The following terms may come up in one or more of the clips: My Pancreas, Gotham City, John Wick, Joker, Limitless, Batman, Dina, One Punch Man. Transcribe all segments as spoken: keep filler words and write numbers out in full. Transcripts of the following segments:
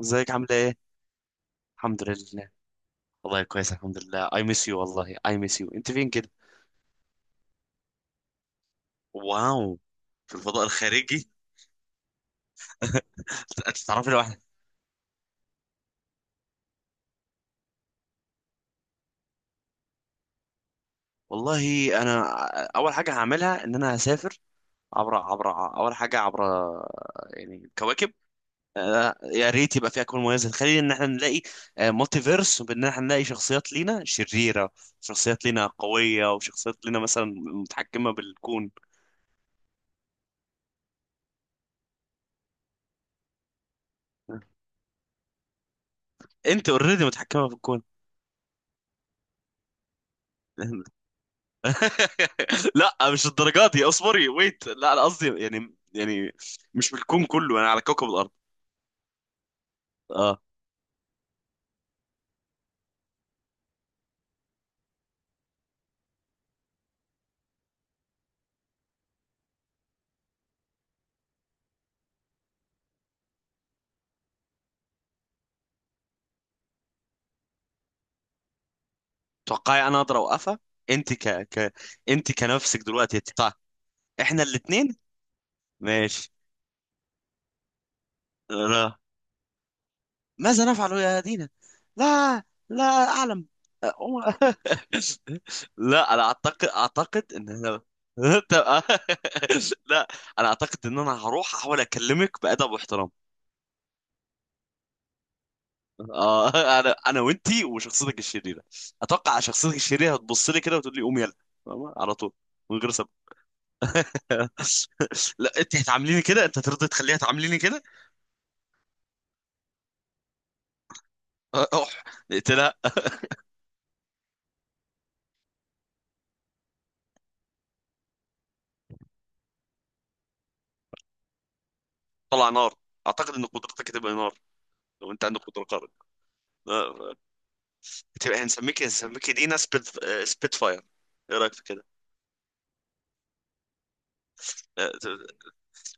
ازيك؟ عامله ايه؟ الحمد لله. والله كويس، الحمد لله. اي ميس يو والله، اي ميس يو. انت فين كده؟ واو. في الفضاء الخارجي. انت تعرفي لوحدك. والله انا اول حاجه هعملها ان انا هسافر عبر عبر اول حاجه عبر يعني الكواكب. آه، يا ريت يبقى في اكوان موازي، خلينا ان احنا نلاقي مالتي فيرس وبان احنا نلاقي شخصيات لينا شريره، شخصيات لينا قويه، وشخصيات لينا مثلا متحكمه بالكون. انت اوريدي متحكمه في الكون؟ لا مش الدرجات دي، اصبري ويت، لا انا قصدي يعني يعني مش بالكون كله، انا على كوكب الارض. اه. توقعي انا اقدر اوقفها؟ انت ك ك انت كنفسك دلوقتي هتدفع. احنا الاثنين. ماشي. لا، ماذا نفعل يا دينا؟ لا، لا اعلم. لا انا اعتقد اعتقد ان انا. طب- لا، انا اعتقد ان انا هروح احاول اكلمك بادب واحترام. اه. انا انا وانتي وشخصيتك الشريره. اتوقع شخصيتك الشريره هتبص لي كده وتقول لي قوم يلا. فاهمة؟ على طول، من غير سبب. لا، انت هتعامليني كده؟ انت هترضي تخليها تعامليني كده؟ اه، اح قلت لها. طلع نار. اعتقد ان قدرتك هتبقى نار لو انت عندك قدره خارقه. اه، هتبقى، هنسميك هنسميك دينا سبيت. اه، سبيت فاير. ايه رايك في كده؟ اه،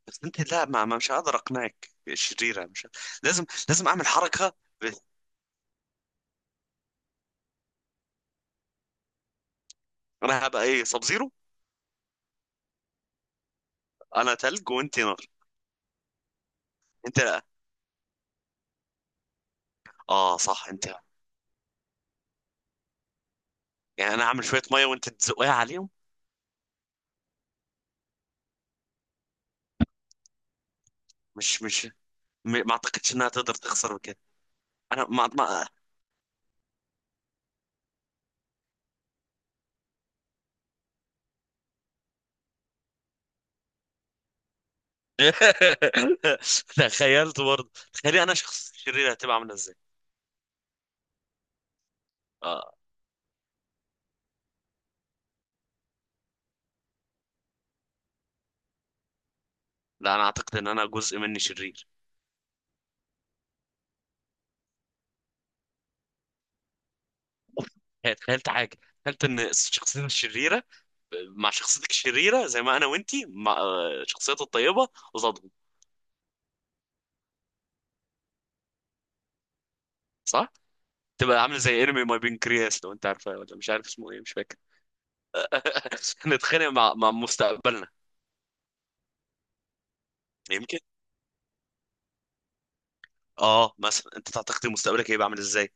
بس انت، لا ما ما- مش هقدر اقنعك شريره، مش ه- لازم لازم اعمل حركه. انا هبقى ايه؟ سب زيرو. انا تلج وانت نار. انت، اه صح، انت يعني انا اعمل شويه ميه وانت تزقها عليهم. مش مش م- ما اعتقدش انها تقدر تخسر من كده. انا ما ما تخيلت برضه. تخيلي انا شخص شرير هتبقى عامله ازاي؟ اه. لا، انا اعتقد ان انا جزء مني شرير. هي- تخيلت حاجه. تخيلت ان شخصيتي الشريره مع شخصيتك الشريره زي ما انا وانتي مع آه، شخصيتي الطيبه قصادهم. صح. تبقى عامله زي انمي ماي بنكرياس. لو انت عارفه؟ ولا مش عارف اسمه ايه، مش فاكر. نتخانق مع مع مستقبلنا يمكن. اه مثلا، انت تعتقد مستقبلك هيبقى عامل ازاي؟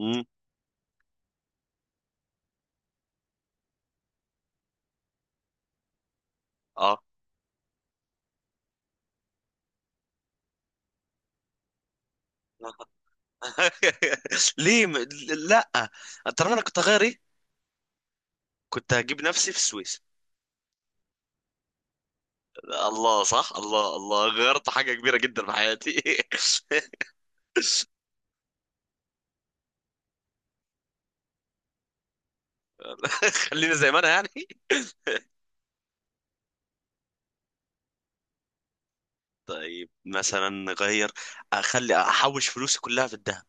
امم. اه. ليه م... لا. ترى انا كنت هغير ايه. كنت هجيب نفسي في السويس. الله، صح، الله، الله، غيرت حاجة كبيرة جدا في حياتي. خلينا زي ما انا يعني. طيب مثلا غير. اخلي احوش فلوسي كلها في الذهب.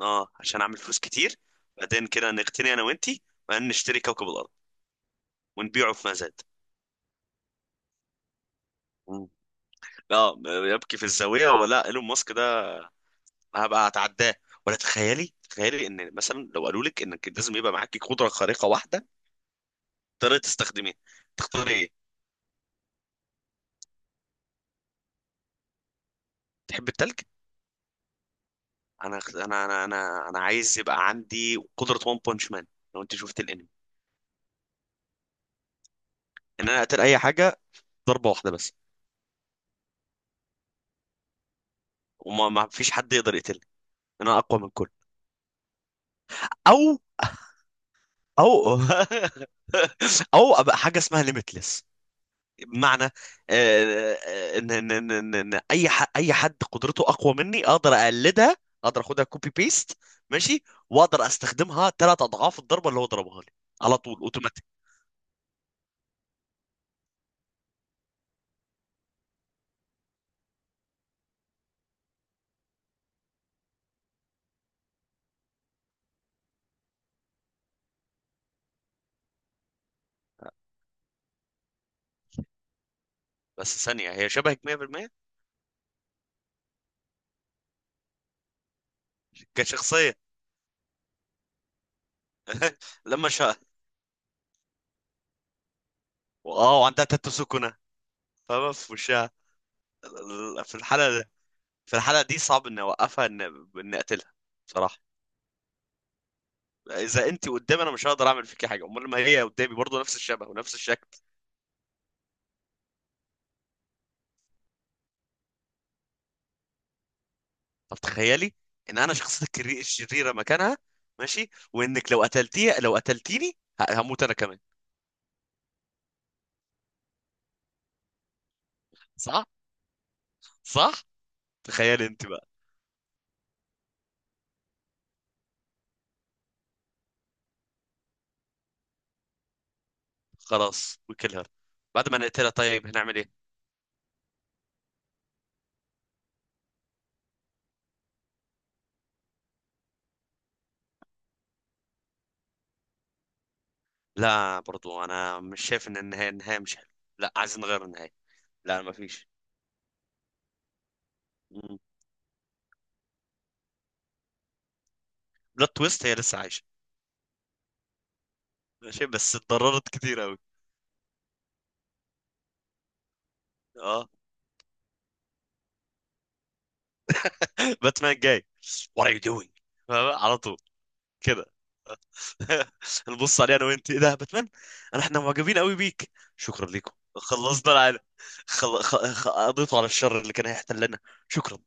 اه، عشان اعمل فلوس كتير. بعدين كده نقتني انا وانتي، وبعدين نشتري كوكب الارض ونبيعه في مزاد. مم. اه، يبكي في الزاوية؟ ولا ايلون ماسك ده، انا هبقى اتعداه. ولا تخيلي تخيلي ان مثلا لو قالوا لك انك لازم يبقى معاكي قدره خارقه واحده تقدري تستخدميها، تختاري ايه؟ تحب التلج. انا انا انا انا انا عايز يبقى عندي قدره وان بانش مان. لو انت شفت الانمي. ان انا اقتل اي حاجه ضربه واحده بس. وما ما فيش حد يقدر يقتلني. انا اقوى من كل. او. او. او ابقى حاجه اسمها ليميتلس. بمعنى، آه، آه، ان ان ان ان إن اي ح- اي حد قدرته اقوى مني اقدر اقلدها. اقدر اخدها كوبي بيست. ماشي. واقدر استخدمها ثلاث اضعاف الضربه اللي هو ضربها لي، على طول، اوتوماتيك. بس ثانيه، هي شبهك مية بالمية؟ كشخصيه. لما شاء. اه، وعندها تاتو سكنه، فاهمة، في وشها. في الحاله في الحاله دي صعب اني اوقفها، ان ان اقتلها، بصراحه. اذا انت قدامي انا مش هقدر اعمل فيكي حاجه، امال ما هي قدامي برضه نفس الشبه ونفس الشكل. طب تخيلي ان انا شخصيتك الري- الشريره مكانها، ماشي، وانك لو قتلتيها لو قتلتيني، ه- هموت انا كمان. صح. صح. تخيلي انت بقى. خلاص وكل هير. بعد ما نقتلها طيب هنعمل ايه؟ لا، برضو انا مش شايف ان النهايه النهايه مش حلوه. لا، عايزين نغير النهايه. لا، ما فيش. بلوت تويست، هي لسه عايشه. ماشي، بس اتضررت كتير قوي. اه. باتمان جاي. وات ار يو دوينج؟ على طول، كده. نبص عليه انا وانت. ايه ده يا باتمان؟ انا احنا معجبين قوي بيك. شكرا ليكم، خلصنا العالم. خل... خ... خ... قضيته على الشر اللي كان هيحتلنا. شكرا.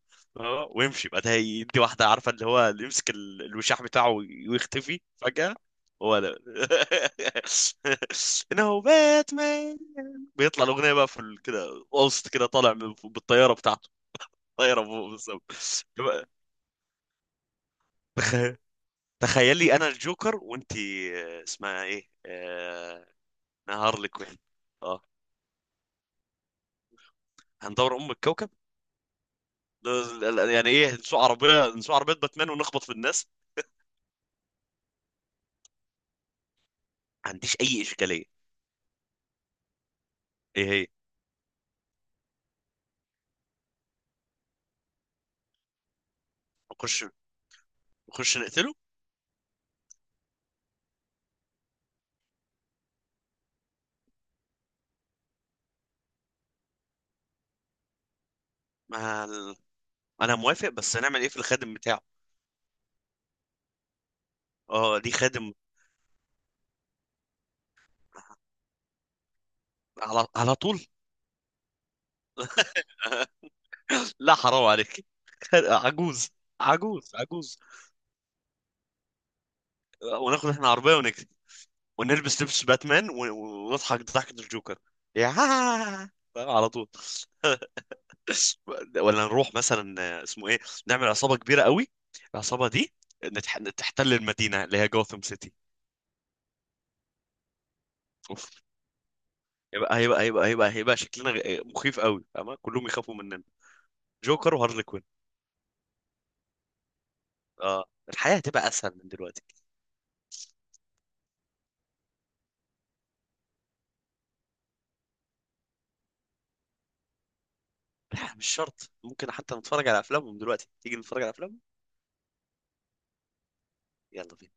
آه، ويمشي بعدها يدي واحده، عارفه، اللي هو اللي يمسك ال... الوشاح بتاعه وي- ويختفي فجاه. هو ده. انه باتمان. بيطلع الاغنيه بقى في ال- كده، وسط كده، طالع من- بالطياره بتاعته. طايره فوق بالظبط. تخ- تخيلي انا الجوكر وانت اسمها ايه، آه، نهار الكوين. اه، هندور ام الكوكب. لا- لا- لا، يعني ايه، نسوق عربيه؟ نسوق عربيه باتمان ونخبط في الناس. ما عنديش اي اشكاليه. ايه هي؟ نخش نخش نقتله. ما ال... انا موافق، بس هنعمل ايه في الخادم بتاعه؟ اه، دي خادم. على على طول لا حرام عليك. عجوز، عجوز، عجوز. آه، وناخد احنا عربيه ونجري. ونلبس لبس باتمان و- و- ونضحك ضحكه الجوكر، يا، فاهم، على طول. ولا نروح مثلا، آه، اسمه ايه، نعمل عصابه كبيره قوي. العصابه دي نتح... تحتل المدينه اللي هي جوثام سيتي. اوف. هيبقى هيبقى هيبقى هيبقى, هيبقى شكلنا غ- مخيف قوي، فاهمة، كلهم يخافوا مننا. جوكر وهارلي كوين. اه، الحياه هتبقى اسهل من دلوقتي. لا، مش شرط، ممكن حتى نتفرج على افلامهم دلوقتي، تيجي نتفرج على افلامهم. يلا بينا.